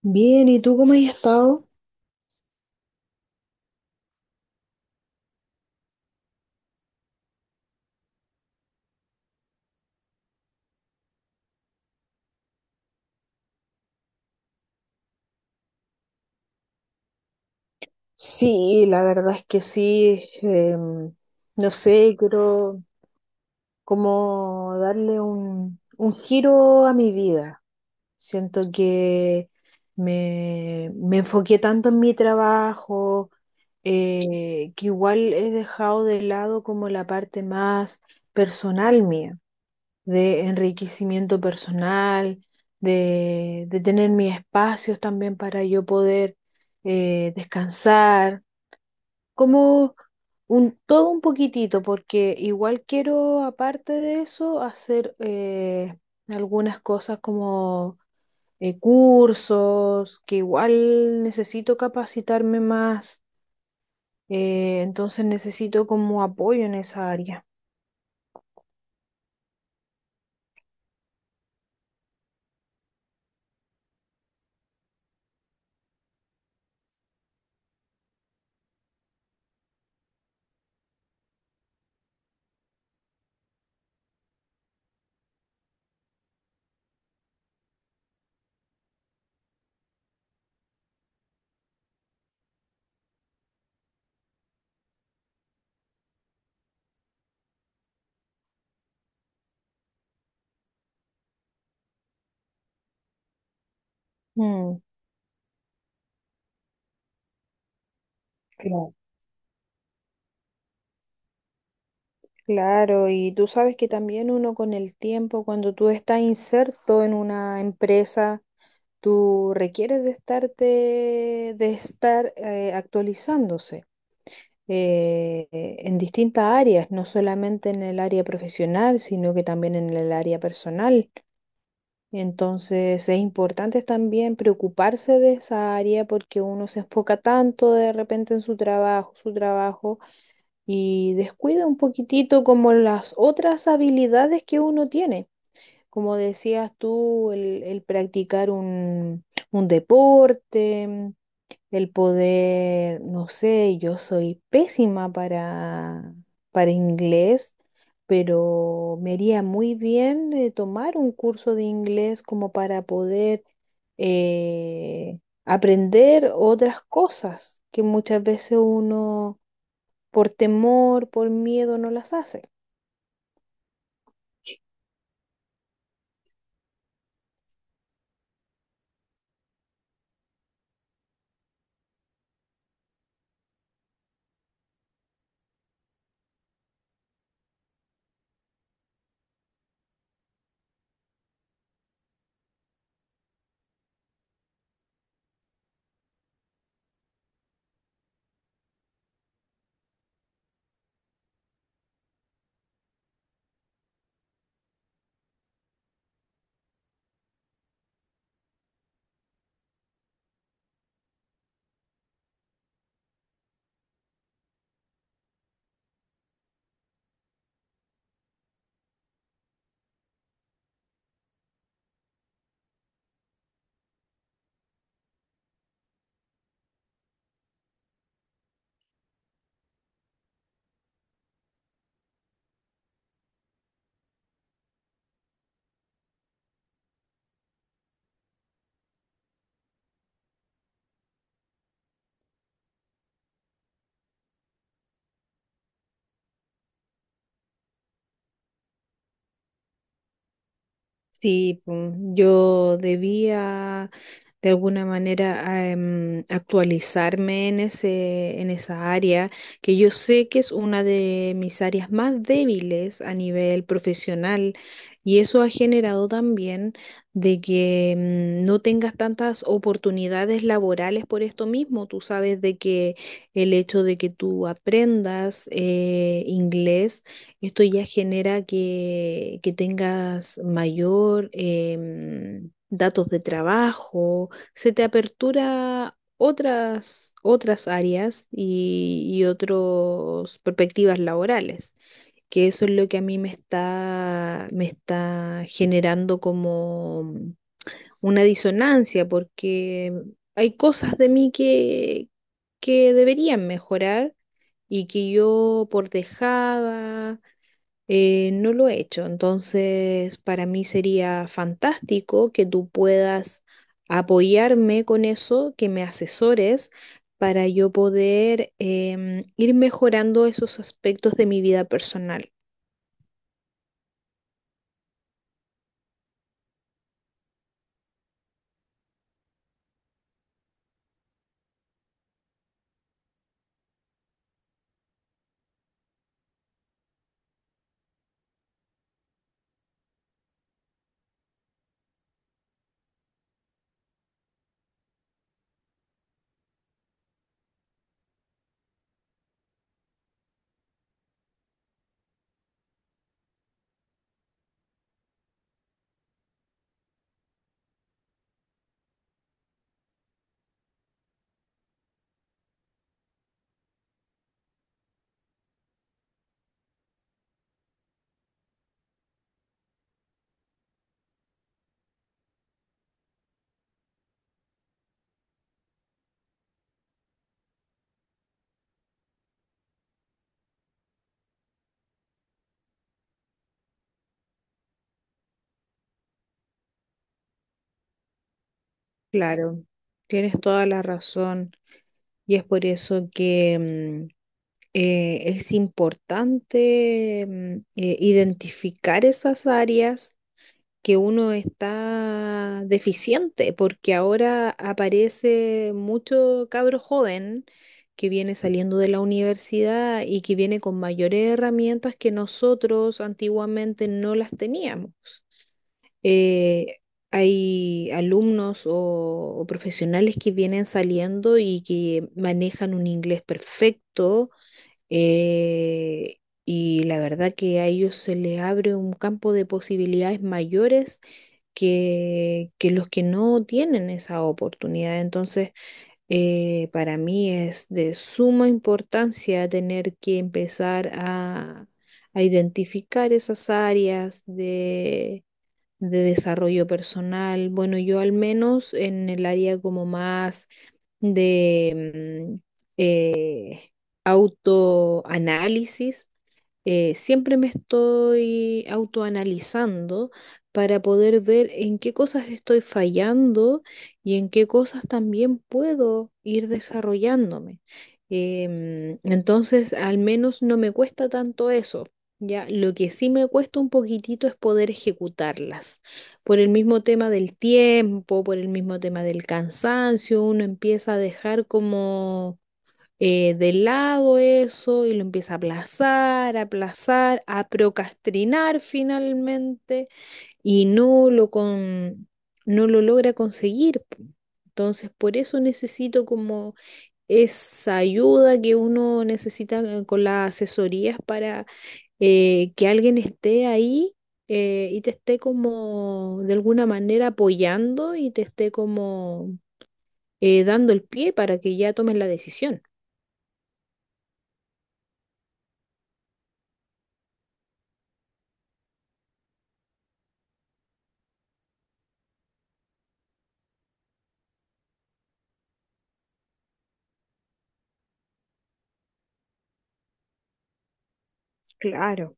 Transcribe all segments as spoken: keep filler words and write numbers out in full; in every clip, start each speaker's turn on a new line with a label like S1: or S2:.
S1: Bien, ¿y tú cómo has estado? Sí, la verdad es que sí. Em, no sé, quiero como darle un, un giro a mi vida. Siento que me, me enfoqué tanto en mi trabajo, eh, que igual he dejado de lado como la parte más personal mía. De enriquecimiento personal, de, de tener mis espacios también para yo poder eh, descansar, como un, todo un poquitito, porque igual quiero, aparte de eso, hacer eh, algunas cosas como eh, cursos, que igual necesito capacitarme más, eh, entonces necesito como apoyo en esa área. Mm. Claro. Claro, y tú sabes que también uno con el tiempo, cuando tú estás inserto en una empresa, tú requieres de estarte, de estar eh, actualizándose eh, eh, en distintas áreas, no solamente en el área profesional, sino que también en el área personal. Entonces es importante también preocuparse de esa área porque uno se enfoca tanto de repente en su trabajo, su trabajo y descuida un poquitito como las otras habilidades que uno tiene. Como decías tú, el, el practicar un, un deporte, el poder, no sé, yo soy pésima para, para inglés, pero me iría muy bien eh, tomar un curso de inglés como para poder eh, aprender otras cosas que muchas veces uno por temor, por miedo, no las hace. Sí, pum, yo debía de alguna manera em, actualizarme en ese, en esa área, que yo sé que es una de mis áreas más débiles a nivel profesional, y eso ha generado también de que mm, no tengas tantas oportunidades laborales por esto mismo. Tú sabes de que el hecho de que tú aprendas eh, inglés, esto ya genera que, que tengas mayor em, datos de trabajo, se te apertura otras, otras áreas y, y otras perspectivas laborales, que eso es lo que a mí me está, me está generando como una disonancia, porque hay cosas de mí que, que deberían mejorar y que yo por dejada eh, no lo he hecho, entonces para mí sería fantástico que tú puedas apoyarme con eso, que me asesores para yo poder em, ir mejorando esos aspectos de mi vida personal. Claro, tienes toda la razón y es por eso que mm, eh, es importante mm, eh, identificar esas áreas que uno está deficiente, porque ahora aparece mucho cabro joven que viene saliendo de la universidad y que viene con mayores herramientas que nosotros antiguamente no las teníamos. Eh, Hay alumnos o, o profesionales que vienen saliendo y que manejan un inglés perfecto. eh, y la verdad que a ellos se les abre un campo de posibilidades mayores que, que los que no tienen esa oportunidad. Entonces, eh, para mí es de suma importancia tener que empezar a, a identificar esas áreas de, de desarrollo personal. Bueno, yo al menos en el área como más de... mm, eh, autoanálisis, eh, siempre me estoy autoanalizando para poder ver en qué cosas estoy fallando y en qué cosas también puedo ir desarrollándome. Em, entonces, al menos no me cuesta tanto eso. Ya, lo que sí me cuesta un poquitito es poder ejecutarlas. Por el mismo tema del tiempo, por el mismo tema del cansancio, uno empieza a dejar como eh, de lado eso y lo empieza a aplazar, a aplazar, a procrastinar finalmente y no lo, con, no lo logra conseguir. Entonces, por eso necesito como esa ayuda que uno necesita eh, con las asesorías para eh, que alguien esté ahí eh, y te esté como de alguna manera apoyando y te esté como eh, dando el pie para que ya tomes la decisión. Claro.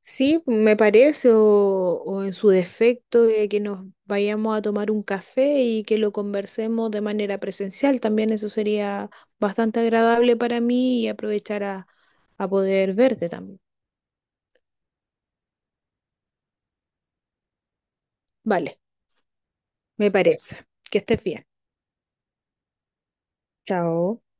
S1: Sí, me parece, o, o en su defecto, eh, que nos vayamos a tomar un café y que lo conversemos de manera presencial. También eso sería bastante agradable para mí y aprovechar a, a poder verte también. Vale, me parece. Que estés bien. Chao.